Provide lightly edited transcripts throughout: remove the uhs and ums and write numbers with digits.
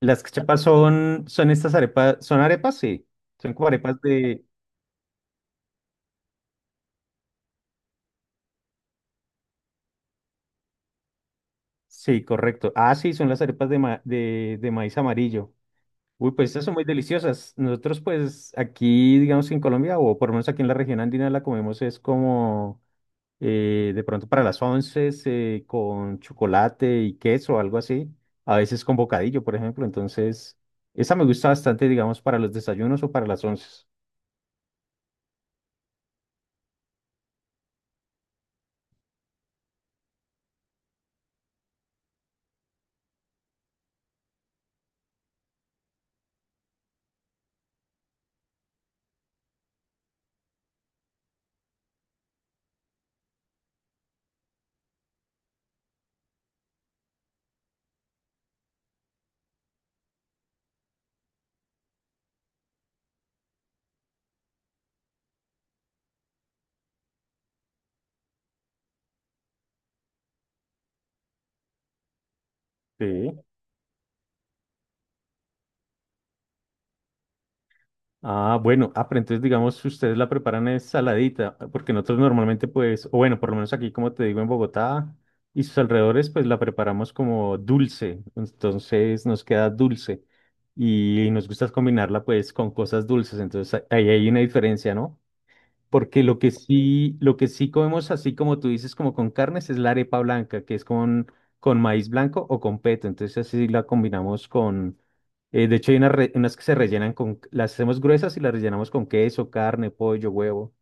Las cachapas son estas arepas, son arepas, sí. Son como arepas de, sí, correcto. Ah, sí, son las arepas de, de maíz amarillo. Uy, pues estas son muy deliciosas. Nosotros, pues, aquí, digamos que en Colombia, o por lo menos aquí en la región andina, la comemos es como de pronto para las once, con chocolate y queso, algo así. A veces con bocadillo, por ejemplo. Entonces, esa me gusta bastante, digamos, para los desayunos o para las once. Sí. Ah, bueno, ah, pero entonces digamos, si ustedes la preparan es saladita, porque nosotros normalmente pues, o bueno, por lo menos aquí como te digo en Bogotá y sus alrededores, pues la preparamos como dulce, entonces nos queda dulce y nos gusta combinarla pues con cosas dulces, entonces ahí hay una diferencia, ¿no? Porque lo que sí comemos así como tú dices, como con carnes, es la arepa blanca, que es con maíz blanco o con peto. Entonces así la combinamos con, de hecho hay unas, unas que se rellenan con, las hacemos gruesas y las rellenamos con queso, carne, pollo, huevo.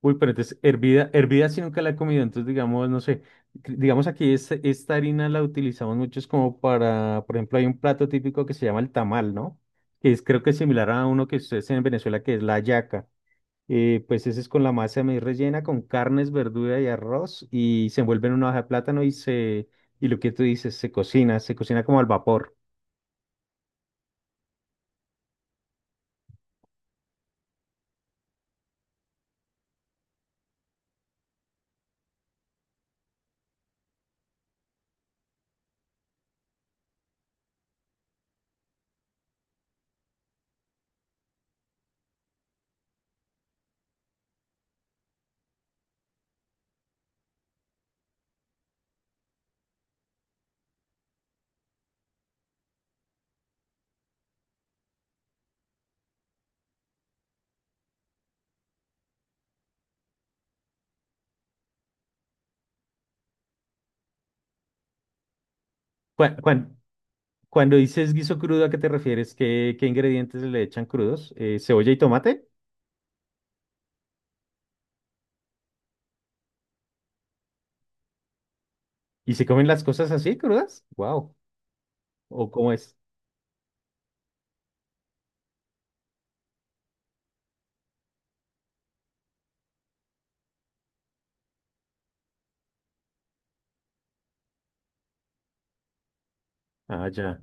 Uy, pero entonces hervida, hervida sí nunca la he comido. Entonces digamos, no sé, digamos aquí esta harina la utilizamos mucho es como para, por ejemplo, hay un plato típico que se llama el tamal, ¿no? Que es creo que es similar a uno que ustedes en Venezuela, que es la hallaca. Pues ese es con la masa de maíz rellena, con carnes, verdura y arroz, y se envuelve en una hoja de plátano y se, y lo que tú dices, se cocina como al vapor. Cuan- cuan- Dices guiso crudo, ¿a qué te refieres? ¿Qué, qué ingredientes le echan crudos? Cebolla y tomate? ¿Y se comen las cosas así, crudas? Wow. ¿O cómo es? Ah, ya.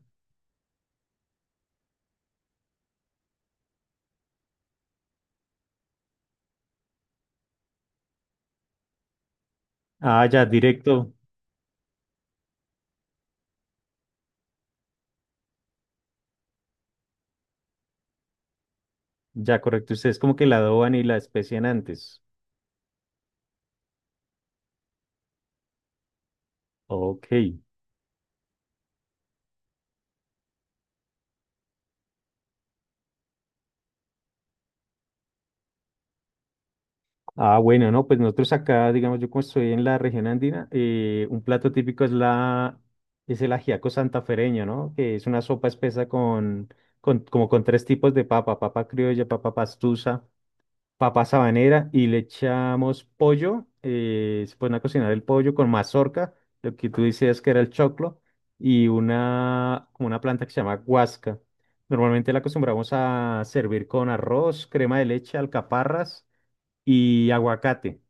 Ah, ya, directo. Ya, correcto. Ustedes como que la adoban y la especian antes. Ok. Ah, bueno, no, pues nosotros acá, digamos, yo como estoy en la región andina, un plato típico es es el ajiaco santafereño, ¿no? Que es una sopa espesa con, como con tres tipos de papa, papa criolla, papa pastusa, papa sabanera, y le echamos pollo, se pone a cocinar el pollo con mazorca, lo que tú decías que era el choclo, y una, como una planta que se llama guasca. Normalmente la acostumbramos a servir con arroz, crema de leche, alcaparras y aguacate.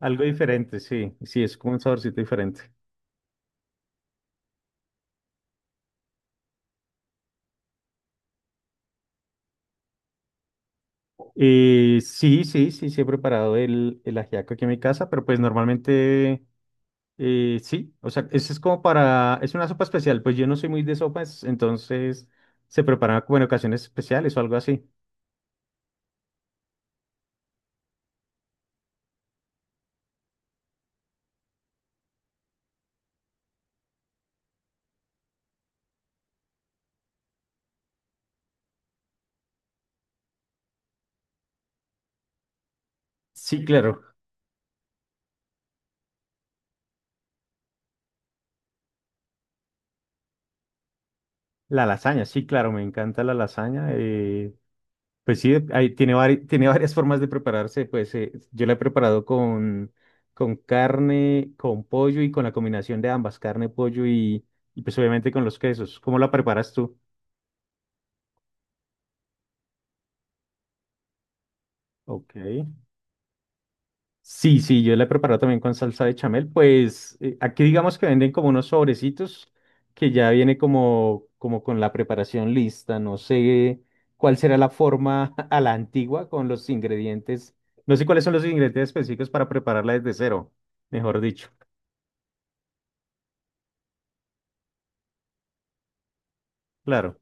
Algo diferente, sí, sí, es como un saborcito diferente. Sí, he preparado el ajiaco aquí en mi casa, pero pues normalmente sí, o sea, ese es como para, es una sopa especial, pues yo no soy muy de sopas, entonces se prepara como en ocasiones especiales o algo así. Sí, claro, la lasaña, sí, claro, me encanta la lasaña. Pues sí, ahí tiene, tiene varias formas de prepararse. Pues yo la he preparado con carne, con pollo y con la combinación de ambas, carne, pollo y pues obviamente con los quesos. ¿Cómo la preparas tú? Ok. Sí, sí, yo la he preparado también con salsa de chamel. Pues aquí digamos que venden como unos sobrecitos que ya viene como, como con la preparación lista. No sé cuál será la forma a la antigua con los ingredientes. No sé cuáles son los ingredientes específicos para prepararla desde cero, mejor dicho. Claro.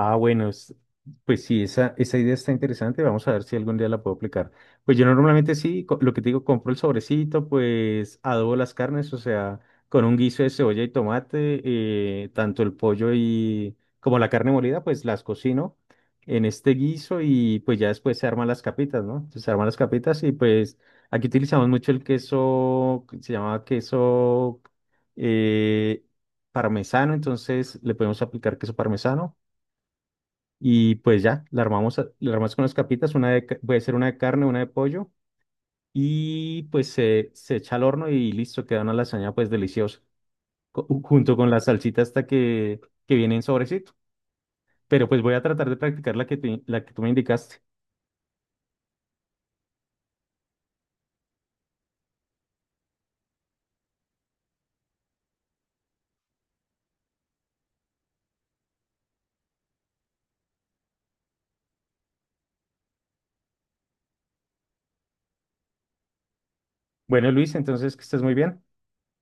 Ah, bueno, pues sí, esa idea está interesante. Vamos a ver si algún día la puedo aplicar. Pues yo normalmente sí, lo que te digo, compro el sobrecito, pues adobo las carnes, o sea, con un guiso de cebolla y tomate, tanto el pollo y como la carne molida, pues las cocino en este guiso y pues ya después se arman las capitas, ¿no? Entonces, se arman las capitas y pues aquí utilizamos mucho el queso, que se llama queso eh, parmesano, entonces le podemos aplicar queso parmesano. Y pues ya, la armamos, la armas con las capitas, una de, puede ser una de carne, una de pollo, y pues se echa al horno y listo, queda una lasaña pues deliciosa, junto con la salsita hasta que viene en sobrecito. Pero pues voy a tratar de practicar la que, la que tú me indicaste. Bueno, Luis, entonces que estés muy bien.